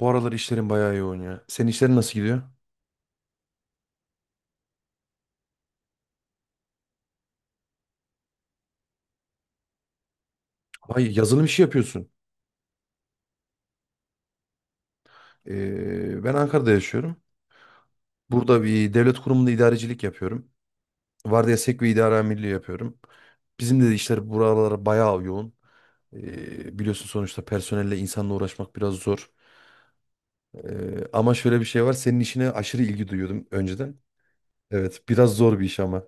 Bu aralar işlerin bayağı yoğun ya. Senin işlerin nasıl gidiyor? Ay yazılım işi yapıyorsun. Ben Ankara'da yaşıyorum. Burada bir devlet kurumunda idarecilik yapıyorum. Vardiya sek ve idare amirliği yapıyorum. Bizim de işler buralara bayağı yoğun. Biliyorsun sonuçta personelle insanla uğraşmak biraz zor. Ama şöyle bir şey var. Senin işine aşırı ilgi duyuyordum önceden. Evet, biraz zor bir iş ama.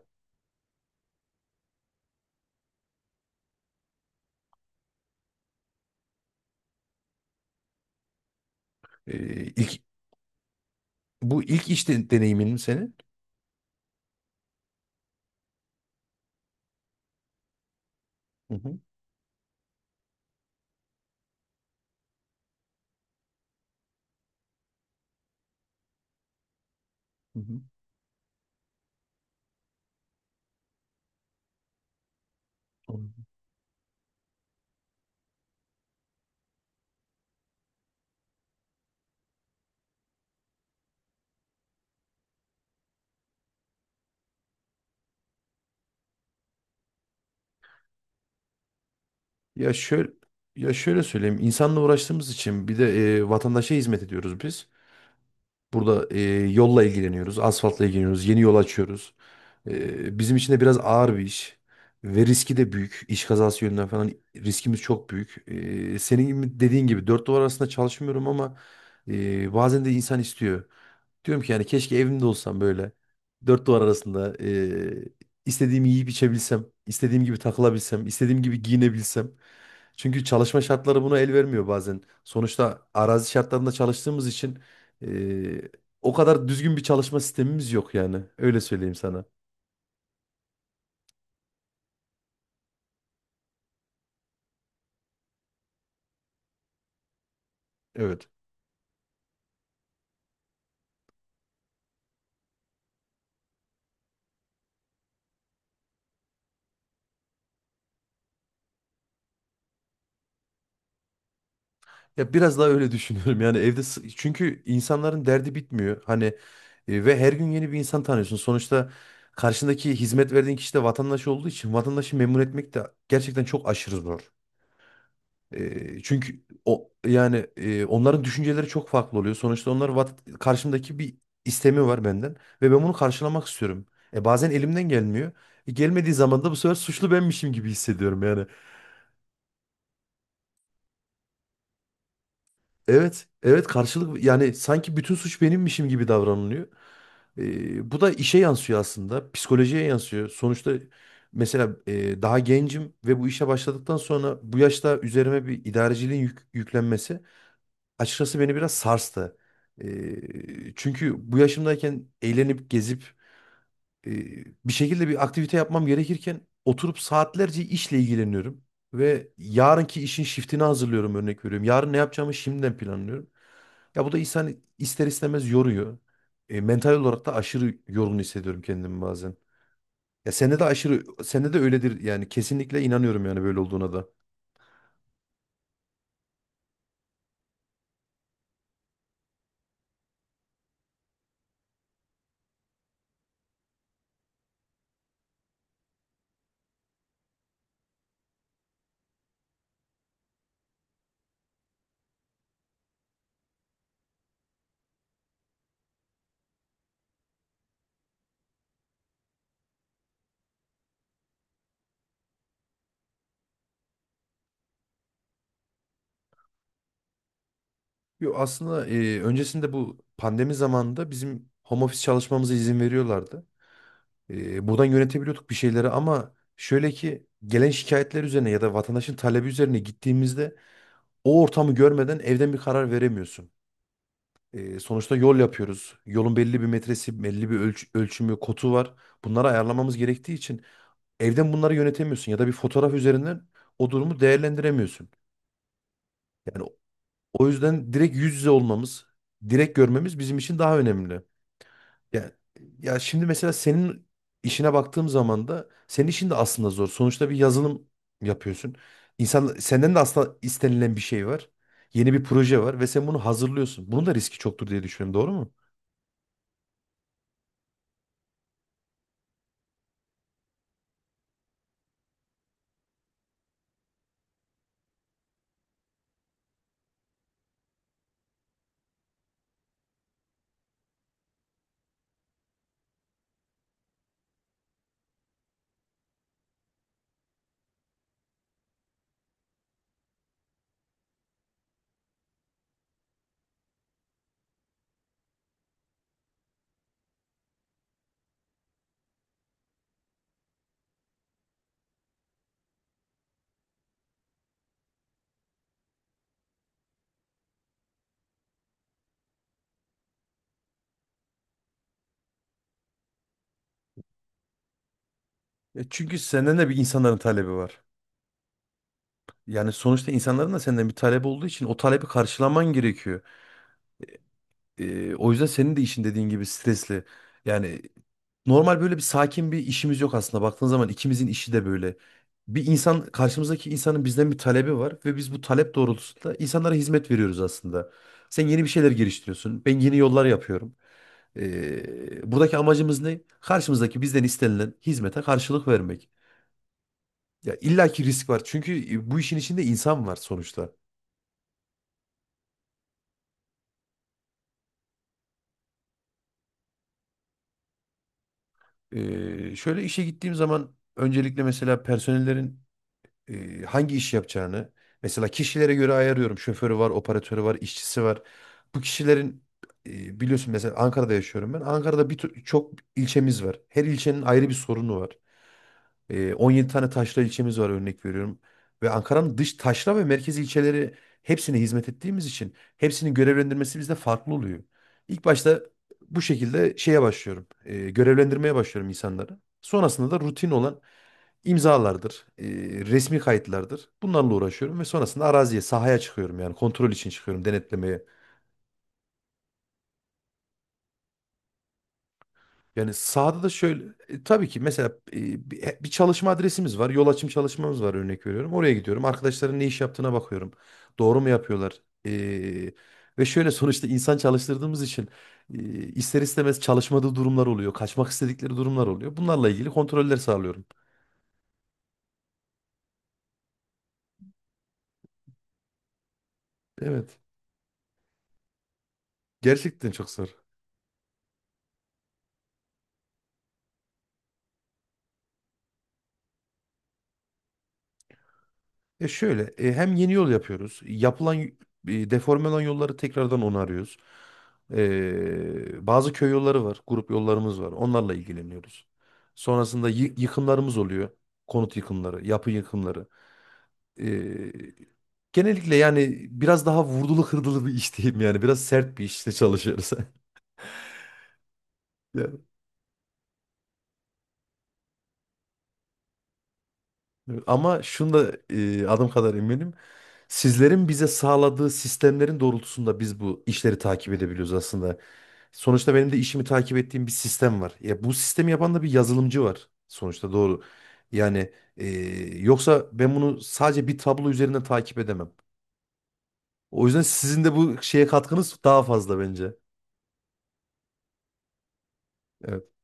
Ee, ilk, Bu ilk iş de, deneyimin mi senin? Hı hı. Hı hı. Ya şöyle ya şöyle söyleyeyim. İnsanla uğraştığımız için bir de vatandaşa hizmet ediyoruz biz. Burada yolla ilgileniyoruz, asfaltla ilgileniyoruz, yeni yol açıyoruz. Bizim için de biraz ağır bir iş ve riski de büyük. İş kazası yönünden falan riskimiz çok büyük. Senin gibi dediğin gibi dört duvar arasında çalışmıyorum ama bazen de insan istiyor. Diyorum ki yani keşke evimde olsam böyle dört duvar arasında istediğimi yiyip içebilsem, istediğim gibi takılabilsem, istediğim gibi giyinebilsem. Çünkü çalışma şartları buna el vermiyor bazen. Sonuçta arazi şartlarında çalıştığımız için ee, o kadar düzgün bir çalışma sistemimiz yok yani. Öyle söyleyeyim sana. Evet. Ya biraz daha öyle düşünüyorum. Yani çünkü insanların derdi bitmiyor. Hani ve her gün yeni bir insan tanıyorsun. Sonuçta karşındaki hizmet verdiğin kişi de vatandaş olduğu için vatandaşı memnun etmek de gerçekten çok aşırı zor. Çünkü o yani onların düşünceleri çok farklı oluyor. Sonuçta onlar karşımdaki bir istemi var benden ve ben bunu karşılamak istiyorum. Bazen elimden gelmiyor. Gelmediği zaman da bu sefer suçlu benmişim gibi hissediyorum yani. Evet, evet karşılık yani sanki bütün suç benimmişim gibi davranılıyor. Bu da işe yansıyor aslında, psikolojiye yansıyor. Sonuçta mesela daha gencim ve bu işe başladıktan sonra bu yaşta üzerime bir idareciliğin yüklenmesi açıkçası beni biraz sarstı. Çünkü bu yaşımdayken eğlenip gezip bir şekilde bir aktivite yapmam gerekirken oturup saatlerce işle ilgileniyorum. Ve yarınki işin shiftini hazırlıyorum, örnek veriyorum. Yarın ne yapacağımı şimdiden planlıyorum. Ya bu da insan ister istemez yoruyor. Mental olarak da aşırı yorgun hissediyorum kendimi bazen. Ya sende de öyledir yani kesinlikle inanıyorum yani böyle olduğuna da. Yo aslında öncesinde bu pandemi zamanında bizim home office çalışmamıza izin veriyorlardı. Buradan yönetebiliyorduk bir şeyleri, ama şöyle ki gelen şikayetler üzerine ya da vatandaşın talebi üzerine gittiğimizde o ortamı görmeden evden bir karar veremiyorsun. Sonuçta yol yapıyoruz. Yolun belli bir metresi, belli bir ölçümü, kotu var. Bunları ayarlamamız gerektiği için evden bunları yönetemiyorsun ya da bir fotoğraf üzerinden o durumu değerlendiremiyorsun. Yani o o yüzden direkt yüz yüze olmamız, direkt görmemiz bizim için daha önemli. Yani ya şimdi mesela senin işine baktığım zaman da senin işin de aslında zor. Sonuçta bir yazılım yapıyorsun. İnsan senden de aslında istenilen bir şey var. Yeni bir proje var ve sen bunu hazırlıyorsun. Bunun da riski çoktur diye düşünüyorum, doğru mu? E çünkü senden de bir insanların talebi var. Yani sonuçta insanların da senden bir talebi olduğu için o talebi karşılaman gerekiyor. O yüzden senin de işin dediğin gibi stresli. Yani normal böyle bir sakin bir işimiz yok aslında. Baktığın zaman ikimizin işi de böyle. Bir insan karşımızdaki insanın bizden bir talebi var ve biz bu talep doğrultusunda insanlara hizmet veriyoruz aslında. Sen yeni bir şeyler geliştiriyorsun. Ben yeni yollar yapıyorum. Buradaki amacımız ne? Karşımızdaki bizden istenilen hizmete karşılık vermek. Ya illaki risk var. Çünkü bu işin içinde insan var sonuçta. Şöyle işe gittiğim zaman öncelikle mesela personellerin hangi iş yapacağını mesela kişilere göre ayarıyorum. Şoförü var, operatörü var, işçisi var. Bu kişilerin biliyorsun mesela Ankara'da yaşıyorum ben. Ankara'da bir çok ilçemiz var. Her ilçenin ayrı bir sorunu var. 17 tane taşra ilçemiz var, örnek veriyorum. Ve Ankara'nın dış taşra ve merkez ilçeleri hepsine hizmet ettiğimiz için hepsinin görevlendirmesi bizde farklı oluyor. İlk başta bu şekilde şeye başlıyorum. Görevlendirmeye başlıyorum insanları. Sonrasında da rutin olan imzalardır, resmi kayıtlardır. Bunlarla uğraşıyorum ve sonrasında araziye, sahaya çıkıyorum yani kontrol için çıkıyorum, denetlemeye. Yani sahada da şöyle tabii ki mesela bir çalışma adresimiz var. Yol açım çalışmamız var, örnek veriyorum. Oraya gidiyorum. Arkadaşların ne iş yaptığına bakıyorum. Doğru mu yapıyorlar? Ve şöyle sonuçta insan çalıştırdığımız için e, ister istemez çalışmadığı durumlar oluyor. Kaçmak istedikleri durumlar oluyor. Bunlarla ilgili kontroller sağlıyorum. Evet. Gerçekten çok zor. Ya şöyle hem yeni yol yapıyoruz. Deforme olan yolları tekrardan onarıyoruz. Bazı köy yolları var. Grup yollarımız var. Onlarla ilgileniyoruz. Sonrasında yıkımlarımız oluyor. Konut yıkımları, yapı yıkımları. Ee, Genellikle yani biraz daha vurdulu kırdılı bir iş diyeyim yani. Biraz sert bir işte çalışıyoruz. Yani. Evet. Ama şunu da adım kadar eminim. Sizlerin bize sağladığı sistemlerin doğrultusunda biz bu işleri takip edebiliyoruz aslında. Sonuçta benim de işimi takip ettiğim bir sistem var. Ya bu sistemi yapan da bir yazılımcı var. Sonuçta doğru. Yani yoksa ben bunu sadece bir tablo üzerinden takip edemem. O yüzden sizin de bu şeye katkınız daha fazla bence. Evet.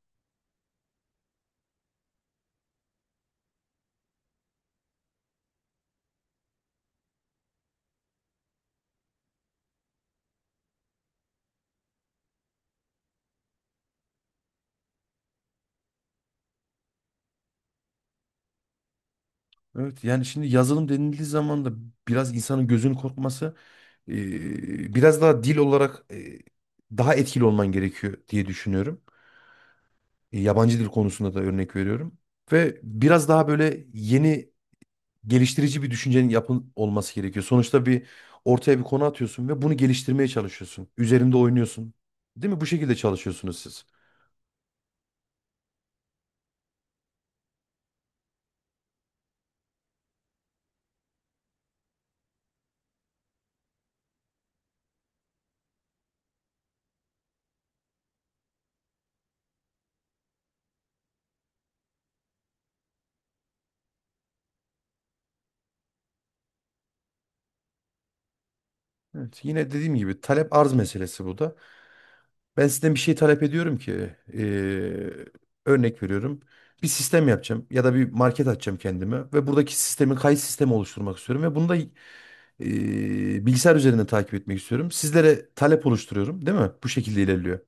Evet. Yani şimdi yazılım denildiği zaman da biraz insanın gözünün korkması, e, biraz daha dil olarak daha etkili olman gerekiyor diye düşünüyorum. Yabancı dil konusunda da örnek veriyorum. Ve biraz daha böyle yeni geliştirici bir düşüncenin yapın olması gerekiyor. Sonuçta ortaya bir konu atıyorsun ve bunu geliştirmeye çalışıyorsun. Üzerinde oynuyorsun. Değil mi? Bu şekilde çalışıyorsunuz siz. Evet, yine dediğim gibi talep arz meselesi bu da. Ben sizden bir şey talep ediyorum ki örnek veriyorum. Bir sistem yapacağım ya da bir market açacağım kendime ve buradaki sistemin kayıt sistemi oluşturmak istiyorum ve bunu da bilgisayar üzerinde takip etmek istiyorum. Sizlere talep oluşturuyorum, değil mi? Bu şekilde ilerliyor.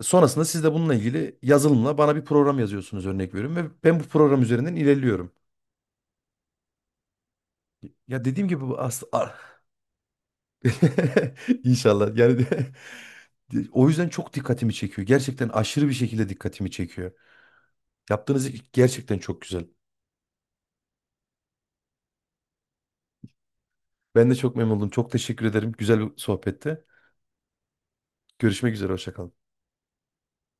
Sonrasında siz de bununla ilgili yazılımla bana bir program yazıyorsunuz, örnek veriyorum, ve ben bu program üzerinden ilerliyorum. Ya dediğim gibi bu aslında inşallah o yüzden çok dikkatimi çekiyor. Gerçekten aşırı bir şekilde dikkatimi çekiyor. Yaptığınız iş gerçekten çok güzel. Ben de çok memnun oldum. Çok teşekkür ederim. Güzel bir sohbette. Görüşmek üzere. Hoşça kalın.